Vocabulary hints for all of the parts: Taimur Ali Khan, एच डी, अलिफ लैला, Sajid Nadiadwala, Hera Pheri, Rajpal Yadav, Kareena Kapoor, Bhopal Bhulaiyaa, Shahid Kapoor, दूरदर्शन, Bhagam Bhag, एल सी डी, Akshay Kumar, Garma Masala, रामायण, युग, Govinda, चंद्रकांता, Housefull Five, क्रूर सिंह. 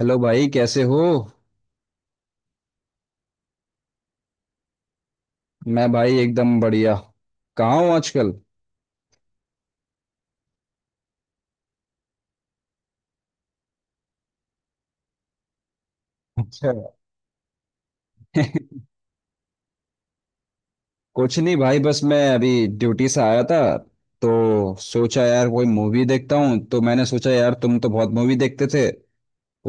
Hello भाई, कैसे हो। मैं भाई एकदम बढ़िया। कहाँ हूँ आजकल। अच्छा। कुछ नहीं भाई, बस मैं अभी ड्यूटी से आया था। तो सोचा यार कोई मूवी देखता हूँ, तो मैंने सोचा यार तुम तो बहुत मूवी देखते थे। तो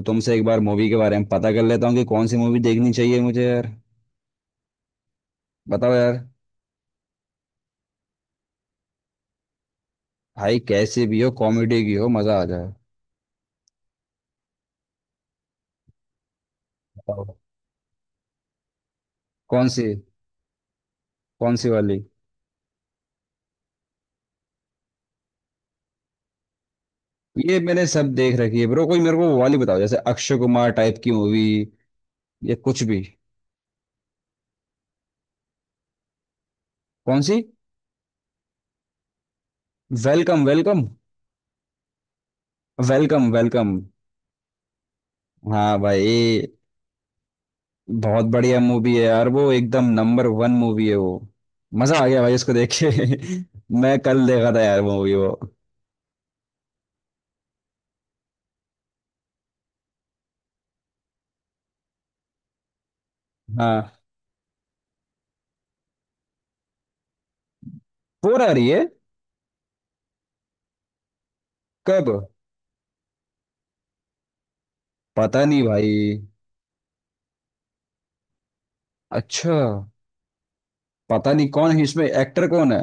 तुमसे एक बार मूवी के बारे में पता कर लेता हूँ कि कौन सी मूवी देखनी चाहिए मुझे यार। बताओ यार। भाई कैसी भी हो, कॉमेडी की हो, मजा आ जाए। बताओ। कौन सी। कौन सी वाली। ये मैंने सब देख रखी है ब्रो, कोई मेरे को वो वाली बताओ जैसे अक्षय कुमार टाइप की मूवी या कुछ भी। कौन सी। Welcome Welcome. Welcome Welcome. हाँ भाई। बहुत बढ़िया मूवी है यार, वो एकदम नंबर वन मूवी है वो। मजा आ गया भाई उसको देख के। मैं कल देखा था यार मूवी वो। हाँ। फोर आ रही है। कब। पता नहीं भाई। अच्छा। पता नहीं कौन है इसमें, एक्टर कौन है।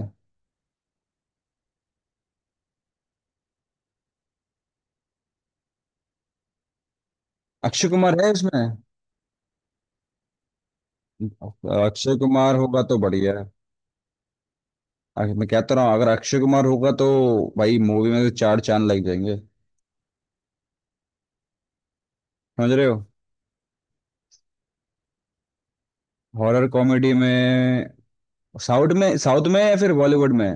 अक्षय कुमार है इसमें। अक्षय कुमार होगा तो बढ़िया है। अरे मैं कहता रहा हूँ अगर अक्षय कुमार होगा तो भाई, मूवी में तो चार चांद लग जाएंगे। समझ रहे हो। हॉरर कॉमेडी में। साउथ में, साउथ में या फिर बॉलीवुड में।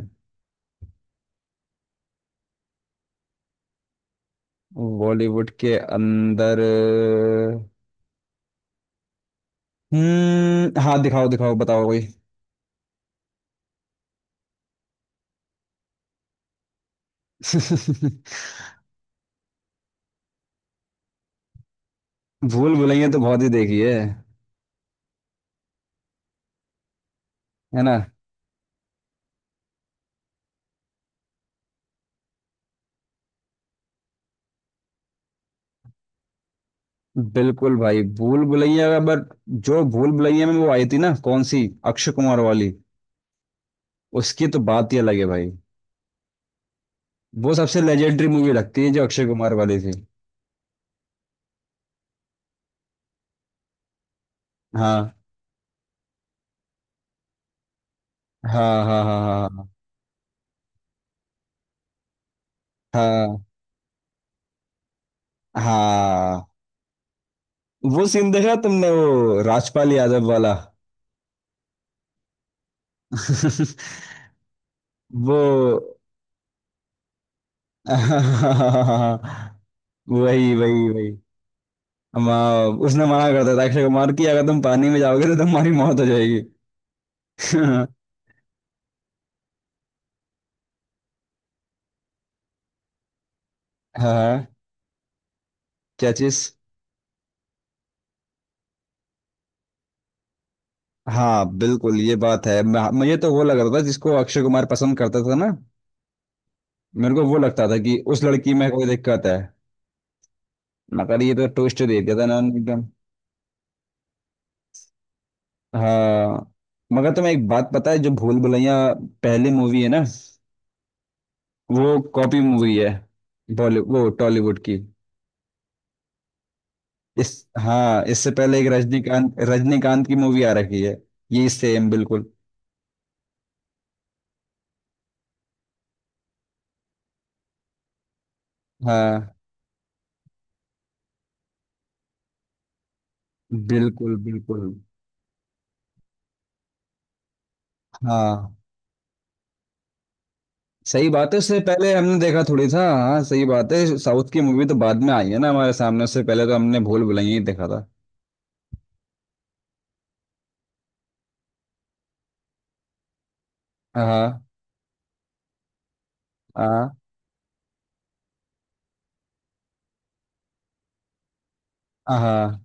बॉलीवुड के अंदर। हम्म, हाँ दिखाओ दिखाओ, बताओ कोई। भूल भुलैया तो बहुत ही देखी है। है ना। बिल्कुल भाई, भूल भुलैया का बट, जो भूल भुलैया में वो आई थी ना, कौन सी, अक्षय कुमार वाली, उसकी तो बात ही अलग है भाई। वो सबसे लेजेंडरी मूवी लगती है जो अक्षय कुमार वाली थी। हाँ हाँ हाँ, हाँ, हाँ, हाँ। हाँ, हाँ। वो सीन देखा तुमने, वो राजपाल यादव वाला। वो। वही, वही, वही। उसने मना करता था अक्षय कुमार की अगर तुम पानी में जाओगे तो तुम्हारी मौत हो जाएगी। हाँ। क्या चीज। हाँ बिल्कुल, ये बात है, मुझे तो वो लग रहा था जिसको अक्षय कुमार पसंद करता था ना। मेरे को वो लगता था कि उस लड़की में कोई दिक्कत है। मगर ये तो ट्विस्ट दे दिया था ना, एकदम। हाँ। मगर तुम्हें एक बात पता है, जो भूल भुलैया पहली मूवी है ना, वो कॉपी मूवी है। बॉलीवुड, वो टॉलीवुड की। इस हाँ, इससे पहले एक रजनीकांत रजनीकांत की मूवी आ रखी है। ये सेम बिल्कुल। हाँ, बिल्कुल, बिल्कुल। हाँ सही बात है, उससे पहले हमने देखा थोड़ी था। हाँ सही बात है, साउथ की मूवी तो बाद में आई है ना हमारे सामने, उससे पहले तो हमने भूल भुलैया ही देखा था। हाँ, हाँ, हाँ।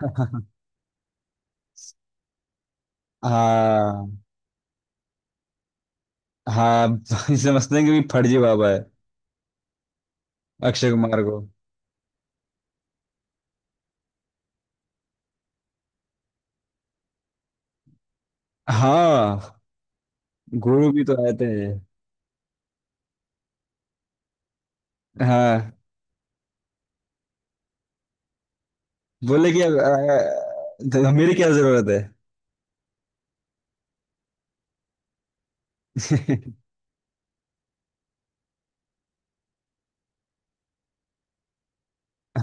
हाँ, हाँ। समझते हैं कि भी फर्जी बाबा है, अक्षय कुमार को। हाँ, गुरु भी तो आए थे। हाँ बोले कि अब, तो मेरी क्या जरूरत है।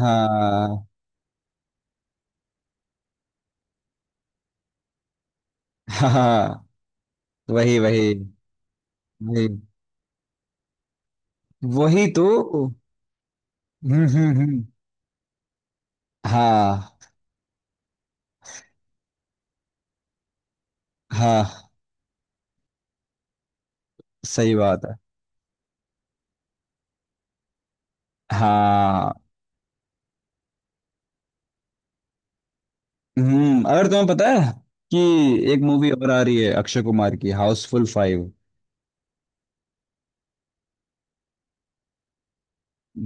हाँ, हाँ, वही, वही, वही। वही तो। हम्म, हम्म, हम्म। हाँ, हाँ सही बात है। हाँ। अगर तुम्हें पता है कि एक मूवी और आ रही है अक्षय कुमार की, हाउसफुल फाइव।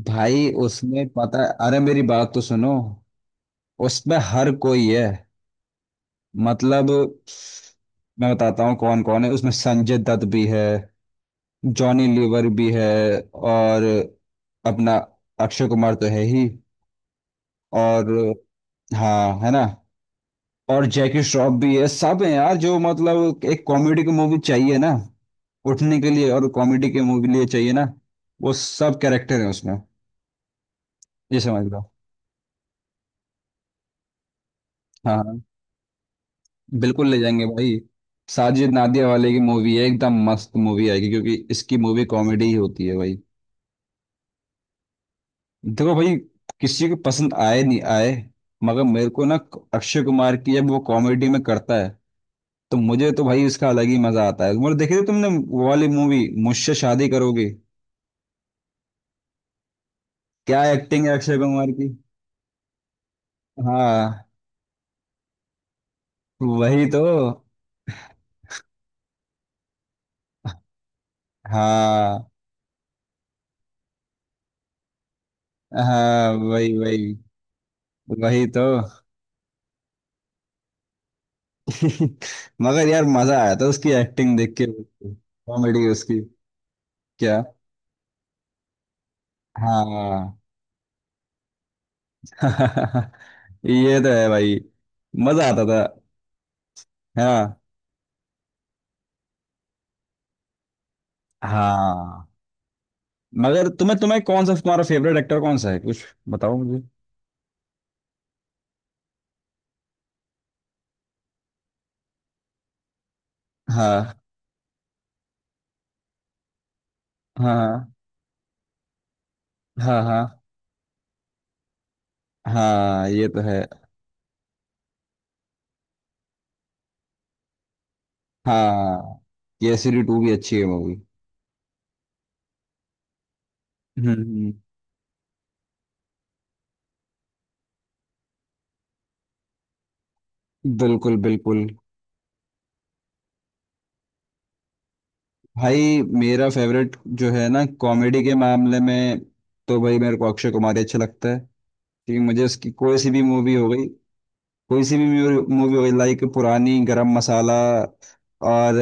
भाई उसमें पता है, अरे मेरी बात तो सुनो। उसमें हर कोई है, मतलब मैं बताता हूँ कौन कौन है उसमें। संजय दत्त भी है, जॉनी लीवर भी है, और अपना अक्षय कुमार तो है ही, और हाँ, है ना, और जैकी श्रॉफ भी है, सब है यार जो मतलब एक कॉमेडी की मूवी चाहिए ना उठने के लिए, और कॉमेडी की मूवी लिए चाहिए ना, वो सब कैरेक्टर है उसमें। ये समझ लो। हाँ, बिल्कुल ले जाएंगे भाई। साजिद नादिया वाले की मूवी है, एकदम मस्त मूवी आएगी क्योंकि इसकी मूवी कॉमेडी ही होती है भाई। देखो भाई, किसी को पसंद आए नहीं आए, मगर मेरे को ना, अक्षय कुमार की जब वो कॉमेडी में करता है, तो मुझे तो भाई उसका अलग ही मजा आता है। मतलब देखी थी तुमने वो वाली मूवी, मुझसे शादी करोगे। क्या एक्टिंग है अक्षय कुमार की। हाँ वही तो। हाँ, हाँ, वही, वही, वही तो। मगर यार मजा आया था उसकी एक्टिंग देख के। कॉमेडी उसकी। क्या। हाँ। ये तो है भाई, मजा आता था। हाँ, हाँ। मगर तुम्हें तुम्हें कौन सा, तुम्हारा फेवरेट एक्टर कौन सा है कुछ, बताओ मुझे। हाँ, हाँ, हाँ, हाँ। हाँ, ये तो है। हाँ। केसरी टू भी अच्छी है मूवी। हम्म। बिल्कुल, बिल्कुल। भाई मेरा फेवरेट जो है ना, कॉमेडी के मामले में, तो भाई मेरे को अक्षय कुमार ही अच्छा लगता है। क्योंकि मुझे उसकी कोई सी भी मूवी हो गई, कोई सी भी मूवी हो, लाइक पुरानी गरम मसाला, और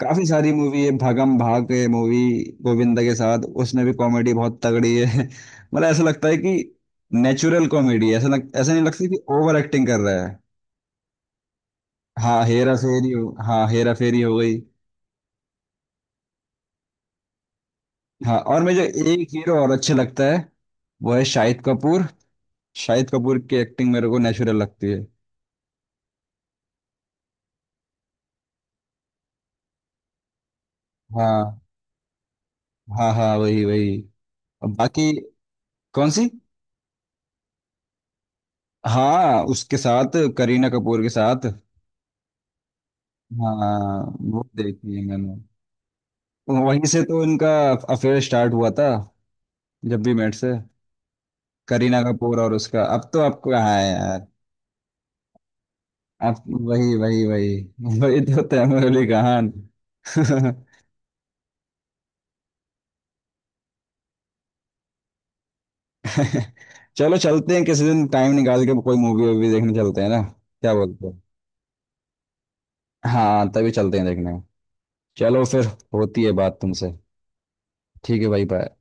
काफी सारी मूवी है, भागम भाग है मूवी गोविंदा के साथ, उसमें भी कॉमेडी बहुत तगड़ी है। मतलब ऐसा लगता है कि नेचुरल कॉमेडी है, ऐसा नहीं लगता कि ओवर एक्टिंग कर रहा है। हाँ हेरा फेरी हो, हाँ हेरा फेरी हो गई। हाँ, और मुझे एक हीरो और अच्छे लगता है, वो है शाहिद कपूर। शाहिद कपूर की एक्टिंग मेरे को नेचुरल लगती है। हाँ, हाँ, हाँ, वही वही। और बाकी। कौन सी। हाँ, उसके साथ करीना कपूर के साथ। हाँ। वो देखी है मैंने। वहीं से तो इनका अफेयर स्टार्ट हुआ था, जब भी मेट से, करीना कपूर, और उसका अब तो आपको कहाँ है यार। अब। वही, वही, वही। वही तो, तैमूर अली खान। चलो, चलते हैं किसी दिन टाइम निकाल के कोई मूवी वूवी देखने चलते हैं ना। क्या बोलते हो। हाँ, तभी चलते हैं देखने। चलो फिर। होती है बात तुमसे। ठीक है भाई, बाय।